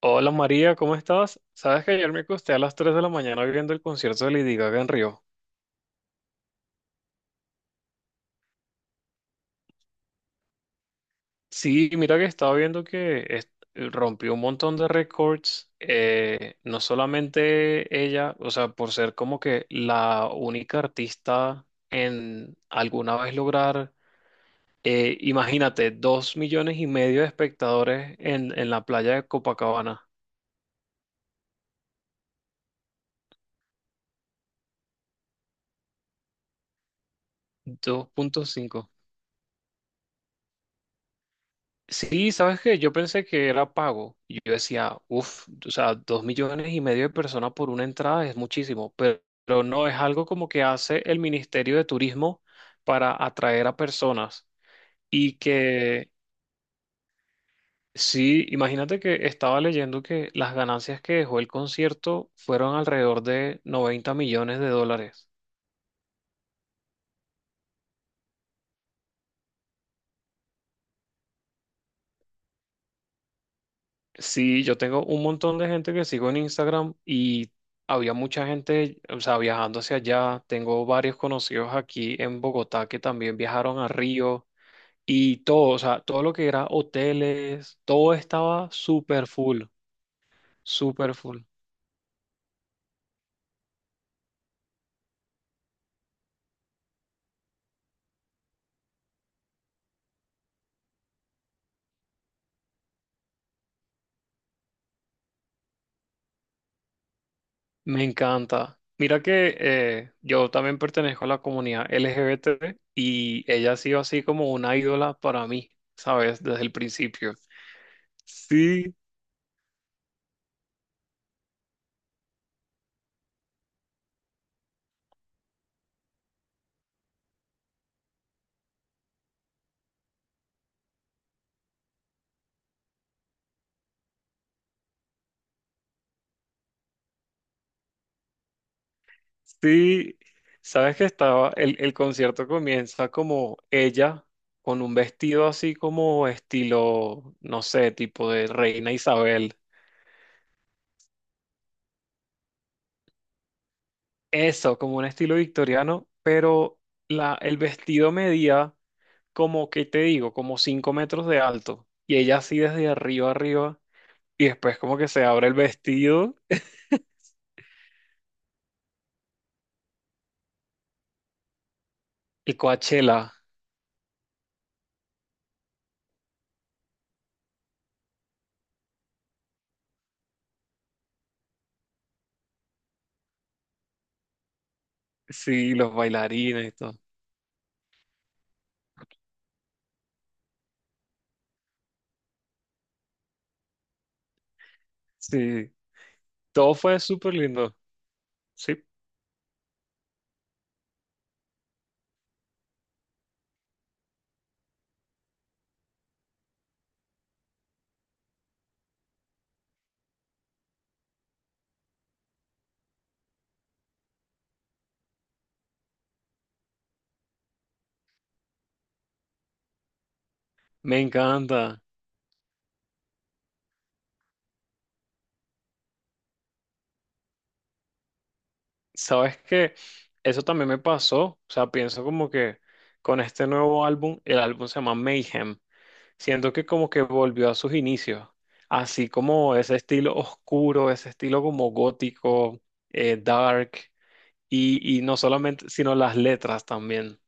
Hola María, ¿cómo estás? Sabes que ayer me acosté a las 3 de la mañana viendo el concierto de Lady Gaga en Río. Sí, mira que estaba viendo que rompió un montón de récords, no solamente ella, o sea, por ser como que la única artista en alguna vez lograr, imagínate, dos millones y medio de espectadores en la playa de Copacabana, dos punto cinco. Sí, ¿sabes qué? Yo pensé que era pago. Y yo decía, uff, o sea, dos millones y medio de personas por una entrada es muchísimo, pero no es algo como que hace el Ministerio de Turismo para atraer a personas. Y que, sí, imagínate que estaba leyendo que las ganancias que dejó el concierto fueron alrededor de 90 millones de dólares. Sí, yo tengo un montón de gente que sigo en Instagram y había mucha gente, o sea, viajando hacia allá. Tengo varios conocidos aquí en Bogotá que también viajaron a Río y todo, o sea, todo lo que era hoteles, todo estaba súper full, súper full. Me encanta. Mira que yo también pertenezco a la comunidad LGBT y ella ha sido así como una ídola para mí, ¿sabes? Desde el principio. Sí, sí, sabes que estaba, el concierto comienza como ella, con un vestido así como estilo, no sé, tipo de Reina Isabel. Eso, como un estilo victoriano, pero el vestido medía como, ¿qué te digo? Como 5 metros de alto. Y ella así desde arriba. Y después como que se abre el vestido y Coachella. Sí, los bailarines y todo. Sí, todo fue súper lindo. Sí, me encanta. Sabes que eso también me pasó, o sea, pienso como que con este nuevo álbum, el álbum se llama Mayhem, siento que como que volvió a sus inicios, así como ese estilo oscuro, ese estilo como gótico, dark, y no solamente, sino las letras también.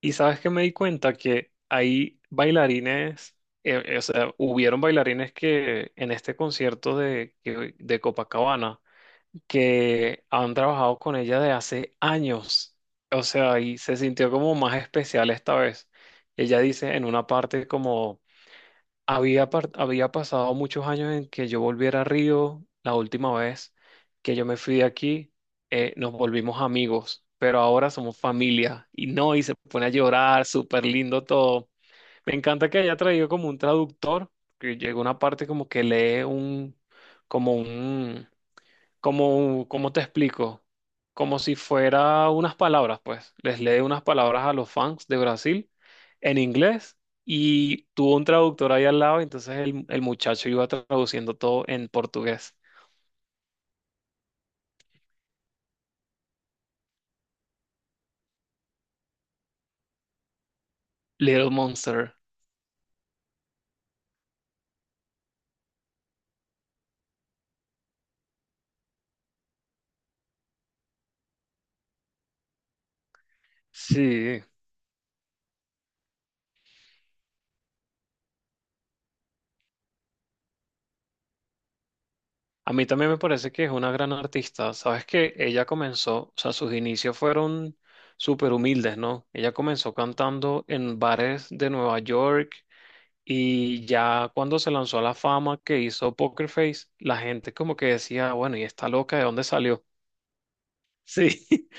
Y sabes que me di cuenta que hay bailarines, o sea, hubieron bailarines que en este concierto de Copacabana, que han trabajado con ella de hace años. O sea, y se sintió como más especial esta vez. Ella dice en una parte como había pasado muchos años en que yo volviera a Río la última vez que yo me fui de aquí, nos volvimos amigos, pero ahora somos familia. Y no, y se pone a llorar, súper lindo todo. Me encanta que haya traído como un traductor, que llega una parte como que lee un, como, ¿cómo te explico? Como si fuera unas palabras, pues. Les lee unas palabras a los fans de Brasil en inglés y tuvo un traductor ahí al lado, entonces el muchacho iba traduciendo todo en portugués. Little Monster. Sí. A mí también me parece que es una gran artista. Sabes que ella comenzó, o sea, sus inicios fueron súper humildes, ¿no? Ella comenzó cantando en bares de Nueva York. Y ya cuando se lanzó a la fama que hizo Poker Face, la gente como que decía, bueno, ¿y esta loca de dónde salió? Sí.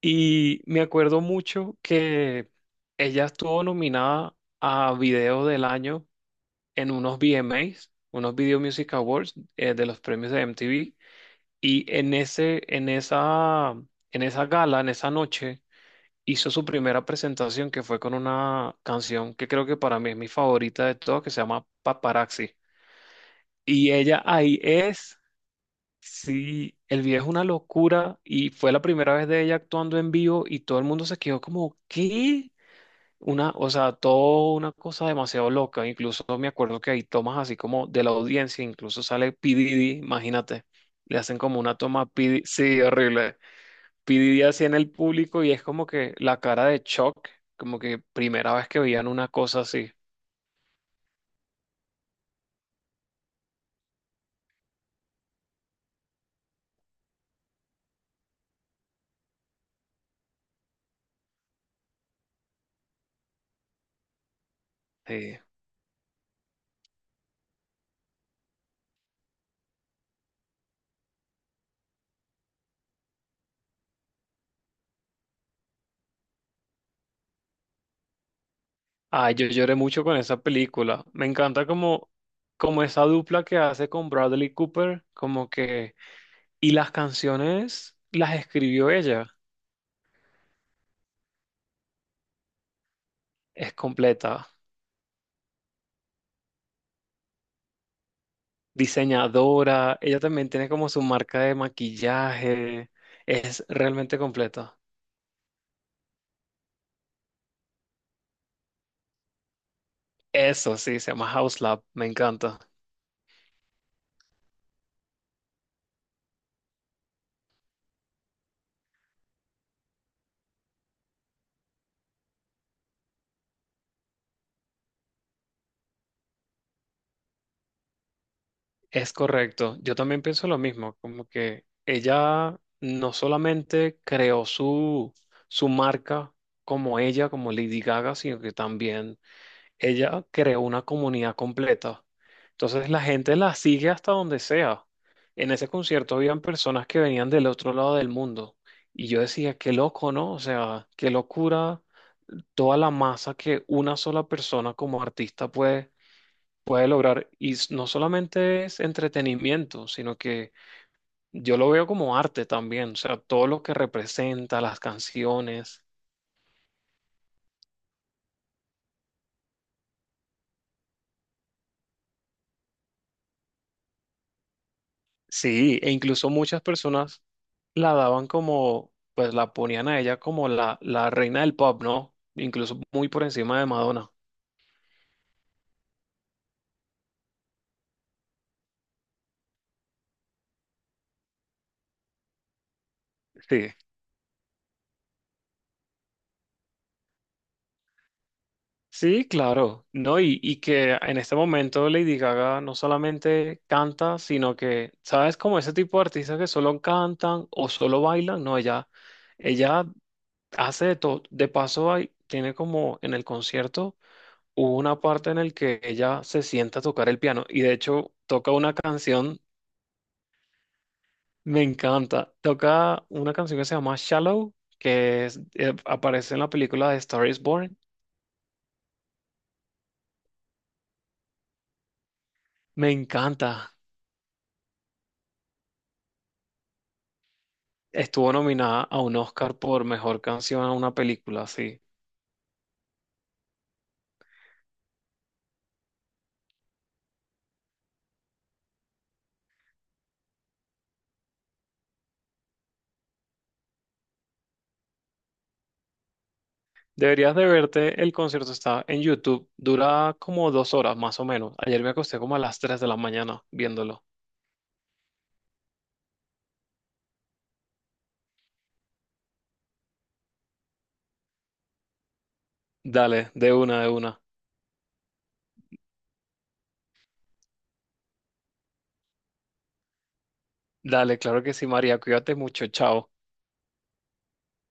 Y me acuerdo mucho que ella estuvo nominada a Video del Año en unos VMAs, unos Video Music Awards, de los premios de MTV. Y en ese, en esa, en esa gala, en esa noche, hizo su primera presentación que fue con una canción que creo que para mí es mi favorita de todas, que se llama Paparazzi. Y ella ahí es, sí, el video es una locura y fue la primera vez de ella actuando en vivo y todo el mundo se quedó como, ¿qué? Una, o sea, todo una cosa demasiado loca. Incluso me acuerdo que hay tomas así como de la audiencia, incluso sale P. Diddy, imagínate, le hacen como una toma a P. Diddy, sí, horrible. P. Diddy así en el público y es como que la cara de shock, como que primera vez que veían una cosa así. Sí. Ay, yo lloré mucho con esa película. Me encanta como, como esa dupla que hace con Bradley Cooper, como que... Y las canciones las escribió ella. Es completa. Diseñadora. Ella también tiene como su marca de maquillaje. Es realmente completa. Eso sí, se llama House Lab. Me encanta. Es correcto, yo también pienso lo mismo, como que ella no solamente creó su, su marca como ella, como Lady Gaga, sino que también ella creó una comunidad completa. Entonces la gente la sigue hasta donde sea. En ese concierto habían personas que venían del otro lado del mundo y yo decía, qué loco, ¿no? O sea, qué locura toda la masa que una sola persona como artista puede lograr. Y s- no solamente es entretenimiento, sino que yo lo veo como arte también, o sea, todo lo que representa, las canciones. Sí, e incluso muchas personas la daban como, pues la ponían a ella como la reina del pop, ¿no? Incluso muy por encima de Madonna. Sí. Sí, claro, ¿no? Y que en este momento Lady Gaga no solamente canta, sino que, ¿sabes? Como ese tipo de artistas que solo cantan o solo bailan, no, ella hace de todo. De paso, hay, tiene como en el concierto hubo una parte en el que ella se sienta a tocar el piano y de hecho toca una canción, me encanta. Toca una canción que se llama Shallow, aparece en la película de Star is Born. Me encanta. Estuvo nominada a un Oscar por mejor canción a una película, sí. Deberías de verte, el concierto está en YouTube, dura como dos horas más o menos. Ayer me acosté como a las 3 de la mañana viéndolo. Dale, de una, de una. Dale, claro que sí, María. Cuídate mucho. Chao.